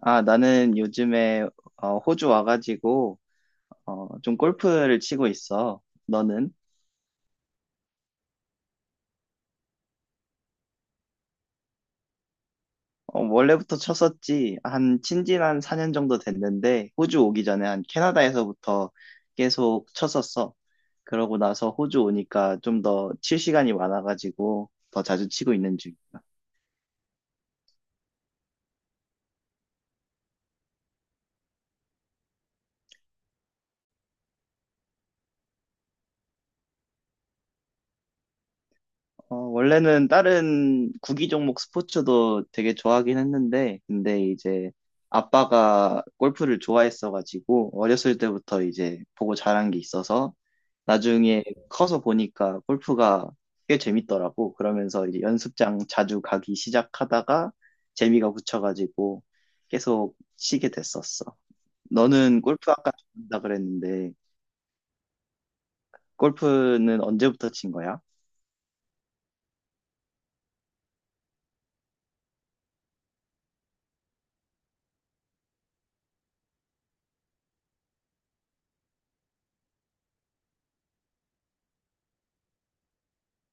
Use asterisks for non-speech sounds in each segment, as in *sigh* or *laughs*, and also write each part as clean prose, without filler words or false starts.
아, 나는 요즘에 호주 와가지고 좀 골프를 치고 있어. 너는? 어, 원래부터 쳤었지. 한 친지 한 4년 정도 됐는데 호주 오기 전에 한 캐나다에서부터 계속 쳤었어. 그러고 나서 호주 오니까 좀 더 칠 시간이 많아가지고 더 자주 치고 있는 중이야. 원래는 다른 구기 종목 스포츠도 되게 좋아하긴 했는데, 근데 이제 아빠가 골프를 좋아했어가지고, 어렸을 때부터 이제 보고 자란 게 있어서, 나중에 커서 보니까 골프가 꽤 재밌더라고. 그러면서 이제 연습장 자주 가기 시작하다가 재미가 붙여가지고 계속 치게 됐었어. 너는 골프 아까 친다 그랬는데, 골프는 언제부터 친 거야?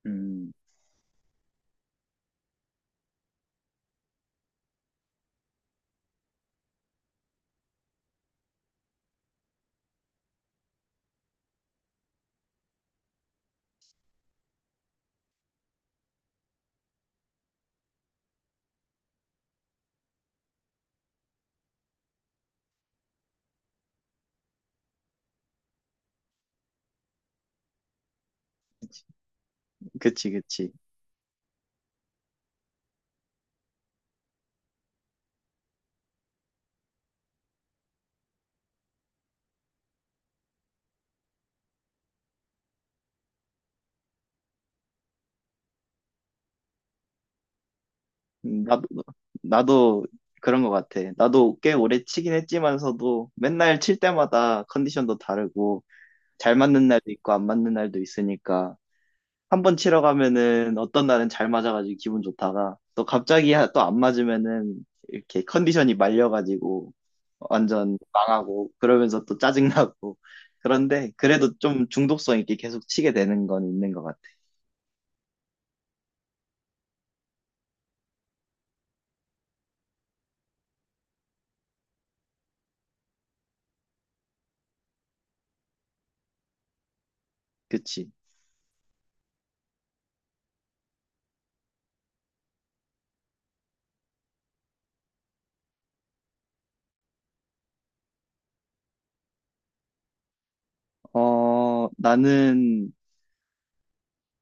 음, 그치, 그치. 나도, 나도 그런 것 같아. 나도 꽤 오래 치긴 했지만서도 맨날 칠 때마다 컨디션도 다르고 잘 맞는 날도 있고 안 맞는 날도 있으니까 한 번 치러 가면은 어떤 날은 잘 맞아가지고 기분 좋다가 또 갑자기 또 안 맞으면은 이렇게 컨디션이 말려가지고 완전 망하고 그러면서 또 짜증나고 *laughs* 그런데 그래도 좀 중독성 있게 계속 치게 되는 건 있는 것 같아. 그치? 어, 나는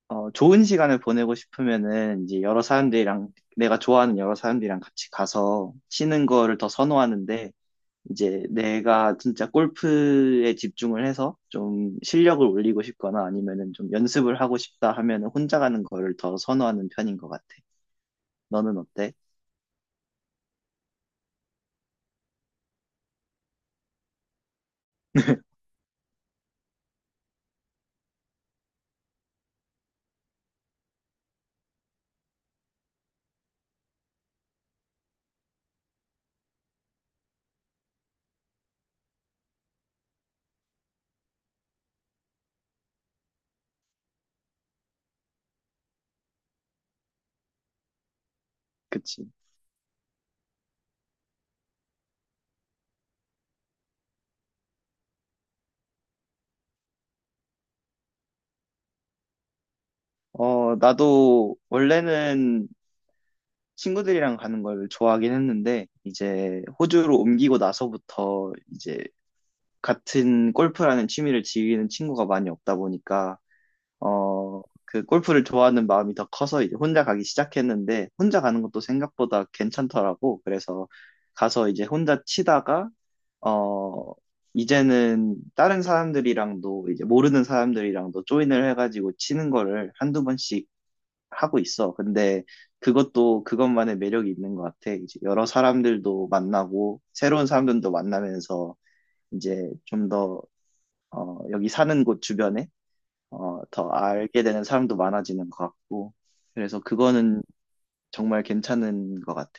좋은 시간을 보내고 싶으면은 이제 여러 사람들이랑 내가 좋아하는 여러 사람들이랑 같이 가서 치는 거를 더 선호하는데 이제 내가 진짜 골프에 집중을 해서 좀 실력을 올리고 싶거나 아니면은 좀 연습을 하고 싶다 하면은 혼자 가는 거를 더 선호하는 편인 것 같아. 너는 어때? *laughs* 그치. 어, 나도 원래는 친구들이랑 가는 걸 좋아하긴 했는데, 이제 호주로 옮기고 나서부터 이제 같은 골프라는 취미를 즐기는 친구가 많이 없다 보니까 그 골프를 좋아하는 마음이 더 커서 이제 혼자 가기 시작했는데 혼자 가는 것도 생각보다 괜찮더라고. 그래서 가서 이제 혼자 치다가 어, 이제는 다른 사람들이랑도 이제 모르는 사람들이랑도 조인을 해가지고 치는 거를 한두 번씩 하고 있어. 근데 그것도 그것만의 매력이 있는 것 같아. 이제 여러 사람들도 만나고 새로운 사람들도 만나면서 이제 좀더 여기 사는 곳 주변에 더 알게 되는 사람도 많아지는 것 같고 그래서 그거는 정말 괜찮은 것 같아.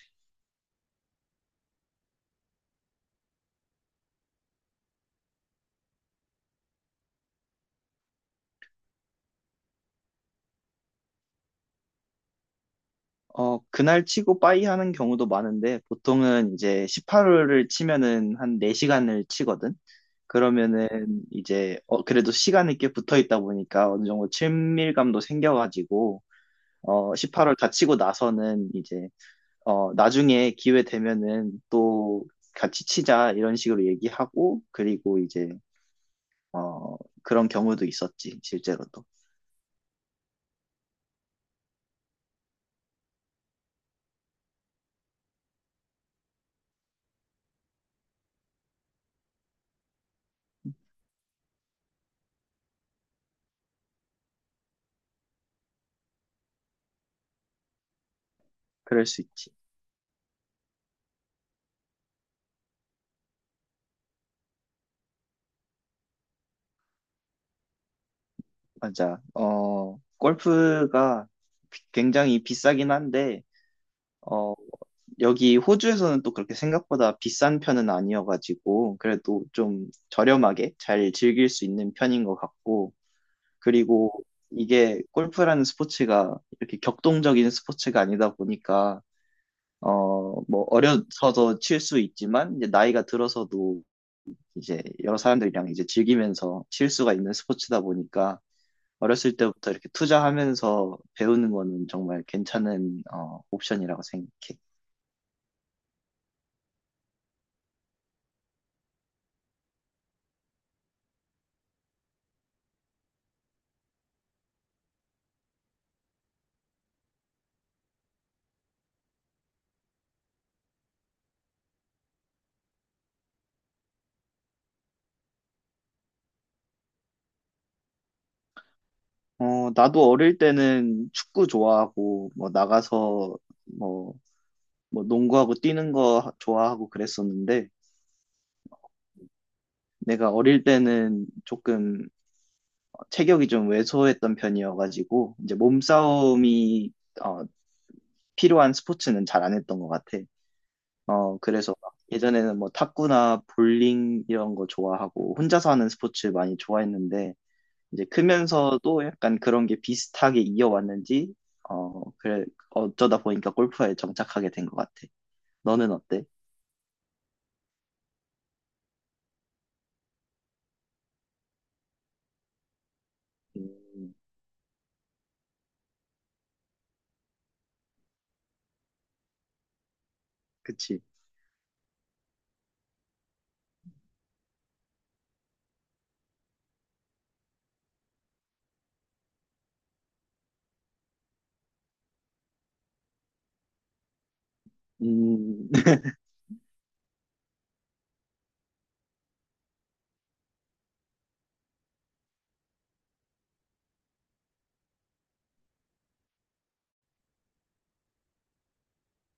어, 그날 치고 빠이 하는 경우도 많은데 보통은 이제 18홀을 치면은 한 4시간을 치거든. 그러면은 이제 그래도 시간이 꽤 붙어 있다 보니까 어느 정도 친밀감도 생겨가지고 18홀 다 치고 나서는 이제 나중에 기회 되면은 또 같이 치자 이런 식으로 얘기하고 그리고 이제 어, 그런 경우도 있었지, 실제로도. 그럴 수 있지. 맞아. 어, 골프가 굉장히 비싸긴 한데, 어, 여기 호주에서는 또 그렇게 생각보다 비싼 편은 아니어가지고, 그래도 좀 저렴하게 잘 즐길 수 있는 편인 것 같고, 그리고 이게 골프라는 스포츠가 이렇게 격동적인 스포츠가 아니다 보니까, 어, 뭐, 어려서도 칠 수 있지만, 이제 나이가 들어서도 이제 여러 사람들이랑 이제 즐기면서 실수가 있는 스포츠다 보니까 어렸을 때부터 이렇게 투자하면서 배우는 거는 정말 괜찮은 옵션이라고 생각해. 어, 나도 어릴 때는 축구 좋아하고 뭐 나가서 뭐, 뭐 농구하고 뛰는 거 좋아하고 그랬었는데 내가 어릴 때는 조금 체격이 좀 왜소했던 편이어가지고 이제 몸싸움이 어, 필요한 스포츠는 잘 안 했던 것 같아. 어, 그래서 막 예전에는 뭐 탁구나 볼링 이런 거 좋아하고 혼자서 하는 스포츠 많이 좋아했는데 이제 크면서도 약간 그런 게 비슷하게 이어왔는지 어, 그래 어쩌다 보니까 골프에 정착하게 된 것 같아. 너는 어때? 음, 그치. 음, *laughs*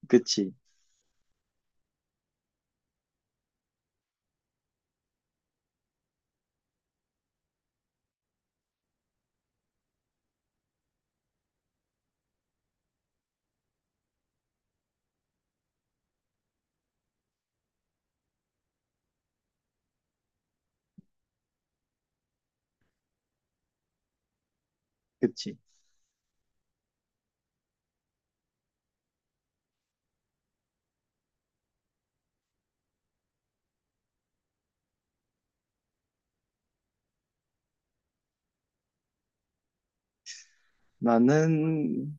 그치. 그치. 나는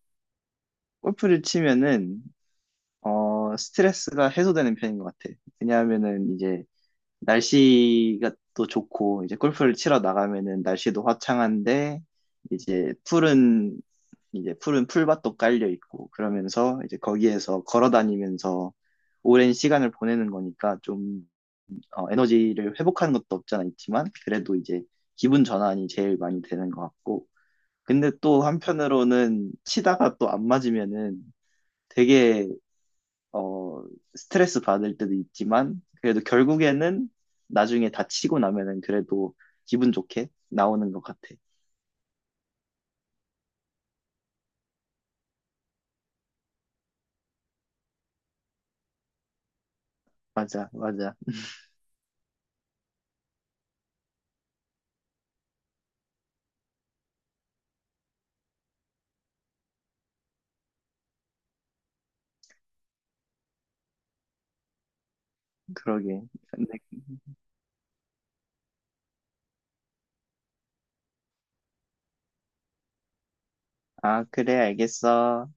골프를 치면은 스트레스가 해소되는 편인 것 같아. 왜냐하면은 이제 날씨가 또 좋고 이제 골프를 치러 나가면은 날씨도 화창한데 이제 풀은 이제 푸른 풀밭도 깔려 있고 그러면서 이제 거기에서 걸어 다니면서 오랜 시간을 보내는 거니까 좀 에너지를 회복하는 것도 없잖아 있지만 그래도 이제 기분 전환이 제일 많이 되는 것 같고 근데 또 한편으로는 치다가 또 안 맞으면은 되게 어, 스트레스 받을 때도 있지만, 그래도 결국에는 나중에 다치고 나면은 그래도 기분 좋게 나오는 것 같아. 맞아, 맞아. 그러게. 근데- 아, 그래, 알겠어.